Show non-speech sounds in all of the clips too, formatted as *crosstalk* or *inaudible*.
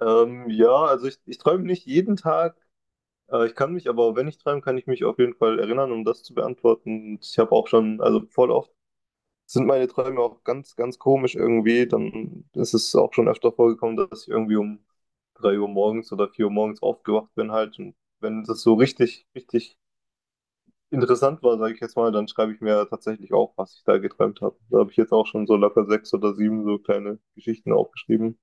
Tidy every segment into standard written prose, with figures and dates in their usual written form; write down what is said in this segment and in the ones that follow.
Ja, also ich träume nicht jeden Tag. Ich kann mich, aber wenn ich träume, kann ich mich auf jeden Fall erinnern, um das zu beantworten. Und ich habe auch schon, also voll oft sind meine Träume auch ganz, ganz komisch irgendwie. Dann ist es auch schon öfter vorgekommen, dass ich irgendwie um 3 Uhr morgens oder 4 Uhr morgens aufgewacht bin halt. Und wenn das so richtig, richtig interessant war, sage ich jetzt mal, dann schreibe ich mir tatsächlich auf, was ich da geträumt habe. Da habe ich jetzt auch schon so locker sechs oder sieben so kleine Geschichten aufgeschrieben.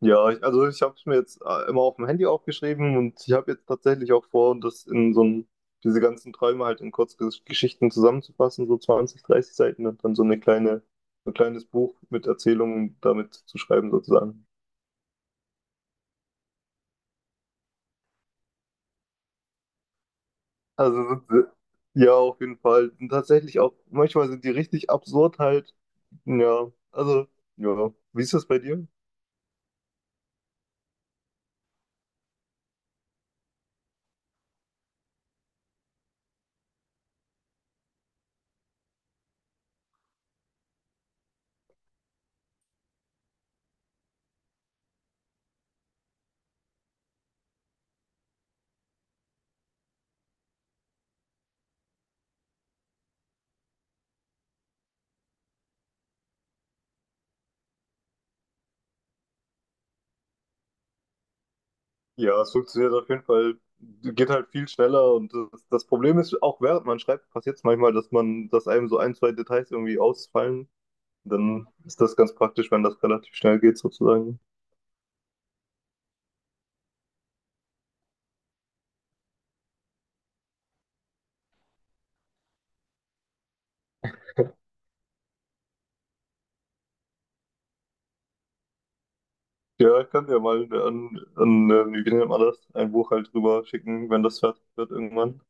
Ja, ich, also ich habe es mir jetzt immer auf dem Handy aufgeschrieben und ich habe jetzt tatsächlich auch vor, das in so ein, diese ganzen Träume halt in Kurzgeschichten zusammenzufassen, so 20, 30 Seiten und dann so eine kleine, so ein kleines Buch mit Erzählungen damit zu schreiben sozusagen. Also ja, auf jeden Fall. Und tatsächlich auch, manchmal sind die richtig absurd halt. Ja, also ja. Wie ist das bei dir? Ja, es funktioniert auf jeden Fall, geht halt viel schneller und das Problem ist, auch während man schreibt, passiert es manchmal, dass man, dass einem so ein, zwei Details irgendwie ausfallen. Dann ist das ganz praktisch, wenn das relativ schnell geht, sozusagen. Ja, ich kann dir mal an, an wie nennt man das, ein Buch halt rüber schicken, wenn das fertig wird irgendwann.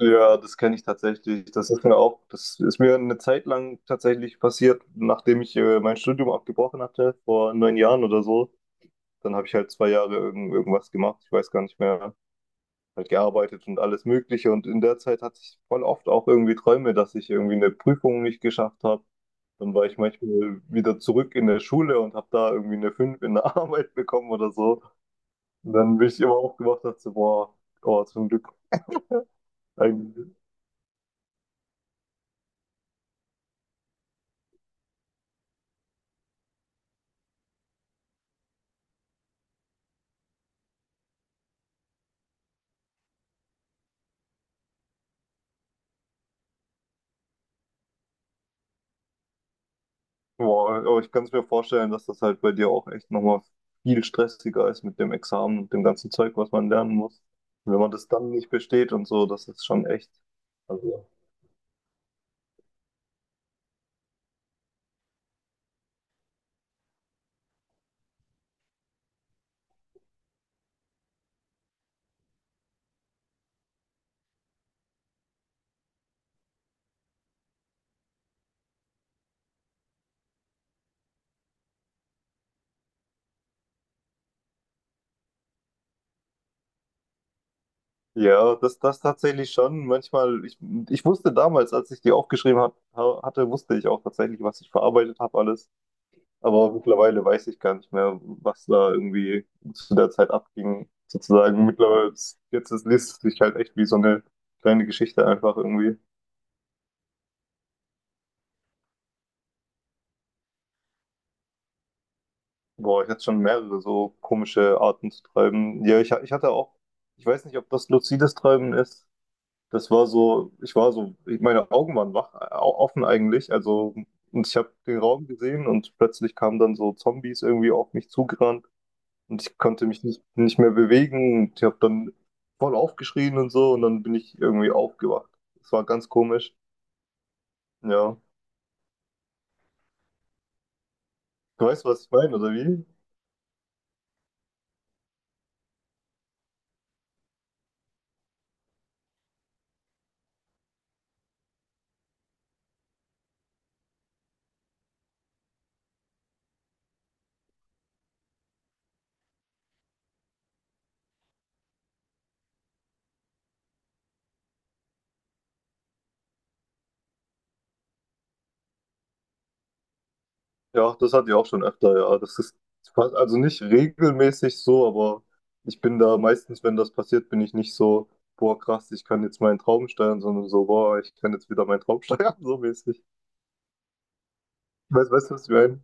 Ja, das kenne ich tatsächlich. Das ist mir auch, das ist mir eine Zeit lang tatsächlich passiert, nachdem ich mein Studium abgebrochen hatte, vor 9 Jahren oder so. Dann habe ich halt 2 Jahre irgendwas gemacht, ich weiß gar nicht mehr, halt gearbeitet und alles Mögliche. Und in der Zeit hatte ich voll oft auch irgendwie Träume, dass ich irgendwie eine Prüfung nicht geschafft habe. Dann war ich manchmal wieder zurück in der Schule und habe da irgendwie eine 5 in der *laughs* Arbeit bekommen oder so. Und dann bin ich immer aufgewacht und dachte, so, boah, oh, zum Glück. Ein, boah, aber ich kann es mir vorstellen, dass das halt bei dir auch echt nochmal viel stressiger ist mit dem Examen und dem ganzen Zeug, was man lernen muss. Und wenn man das dann nicht besteht und so, das ist schon echt. Also, ja, das tatsächlich schon. Manchmal, ich wusste damals, als ich die aufgeschrieben hatte, wusste ich auch tatsächlich, was ich verarbeitet habe, alles. Aber mittlerweile weiß ich gar nicht mehr, was da irgendwie zu der Zeit abging, sozusagen. Mittlerweile, liest es sich halt echt wie so eine kleine Geschichte einfach irgendwie. Boah, ich hatte schon mehrere so komische Arten zu treiben. Ja, ich hatte auch, ich weiß nicht, ob das luzides Träumen ist. Das war so, ich war so, meine Augen waren wach, offen eigentlich. Also, und ich habe den Raum gesehen und plötzlich kamen dann so Zombies irgendwie auf mich zugerannt und ich konnte mich nicht mehr bewegen und ich habe dann voll aufgeschrien und so und dann bin ich irgendwie aufgewacht. Das war ganz komisch. Ja. Du weißt, was ich meine, oder wie? Ja, das hatte ich auch schon öfter, ja. Das ist also nicht regelmäßig so, aber ich bin da meistens, wenn das passiert, bin ich nicht so, boah, krass, ich kann jetzt meinen Traum steuern, sondern so, boah, ich kann jetzt wieder meinen Traum steuern, *laughs* so mäßig. Weißt du, was ich meine?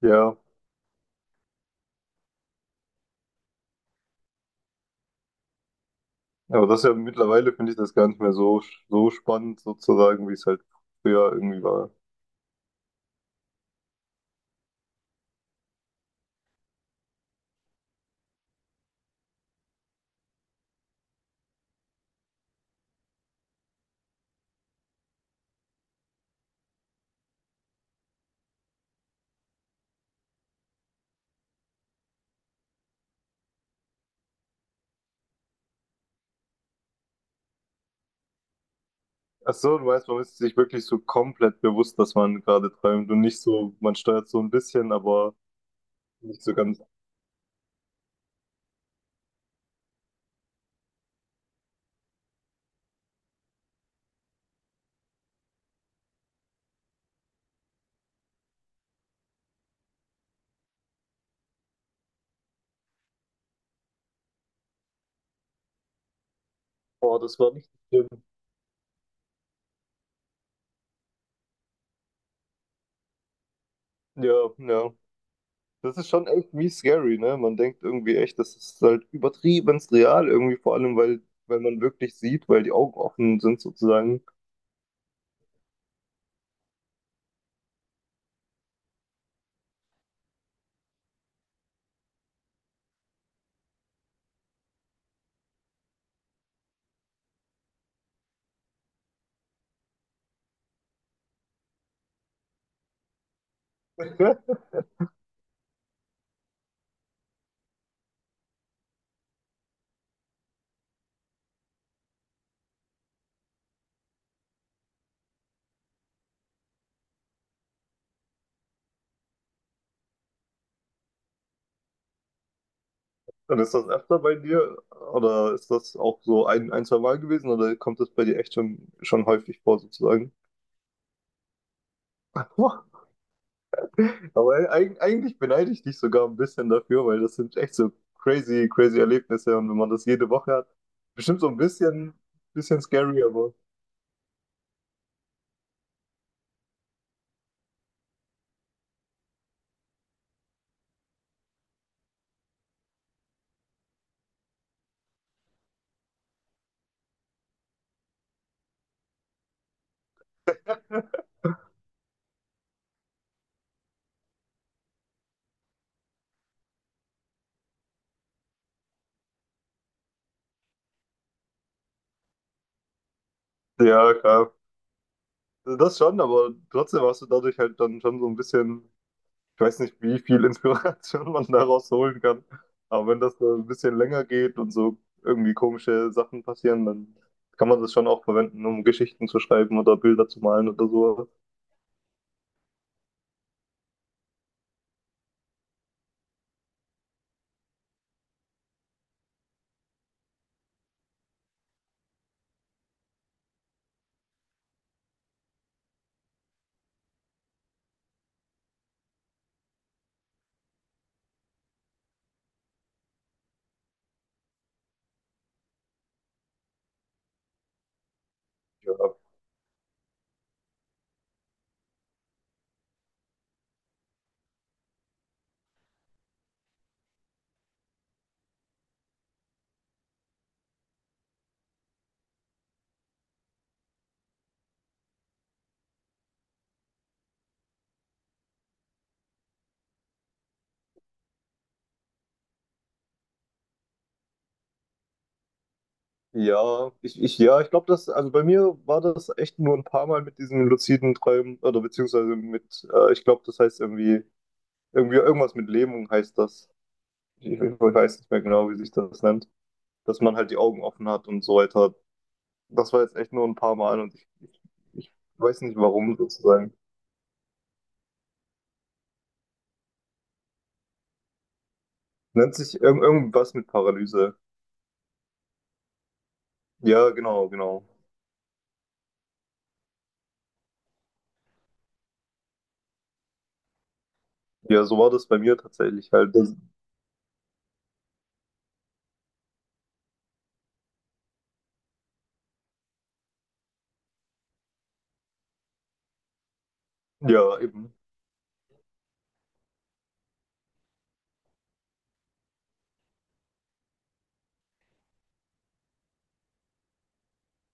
Ja, aber das ist ja mittlerweile finde ich das gar nicht mehr so, so spannend sozusagen, wie es halt früher irgendwie war. Ach so, du meinst, man ist sich wirklich so komplett bewusst, dass man gerade träumt und nicht so, man steuert so ein bisschen, aber nicht so ganz, boah, das war richtig schlimm. Ja, ja. Das ist schon irgendwie scary, ne? Man denkt irgendwie echt, das ist halt übertriebenst real, irgendwie vor allem, weil man wirklich sieht, weil die Augen offen sind sozusagen. *laughs* Und ist das öfter bei dir oder ist das auch so ein, zwei Mal gewesen oder kommt das bei dir echt schon häufig vor sozusagen? *laughs* Aber eigentlich beneide ich dich sogar ein bisschen dafür, weil das sind echt so crazy, crazy Erlebnisse und wenn man das jede Woche hat, bestimmt so ein bisschen, bisschen scary, aber ja, klar. Das schon, aber trotzdem hast du dadurch halt dann schon so ein bisschen, ich weiß nicht, wie viel Inspiration *laughs* man daraus holen kann. Aber wenn das so ein bisschen länger geht und so irgendwie komische Sachen passieren, dann kann man das schon auch verwenden, um Geschichten zu schreiben oder Bilder zu malen oder so. Ja, ja, ich, ja, ich glaube, das, also bei mir war das echt nur ein paar Mal mit diesen luziden Träumen oder beziehungsweise mit, ich glaube, das heißt irgendwie irgendwas mit Lähmung heißt das. Ich weiß nicht mehr genau, wie sich das nennt. Dass man halt die Augen offen hat und so weiter. Das war jetzt echt nur ein paar Mal und ich weiß nicht warum sozusagen. Nennt sich irgendwas mit Paralyse. Ja, genau, genau. Ja, so war das bei mir tatsächlich halt. Das, ja, eben.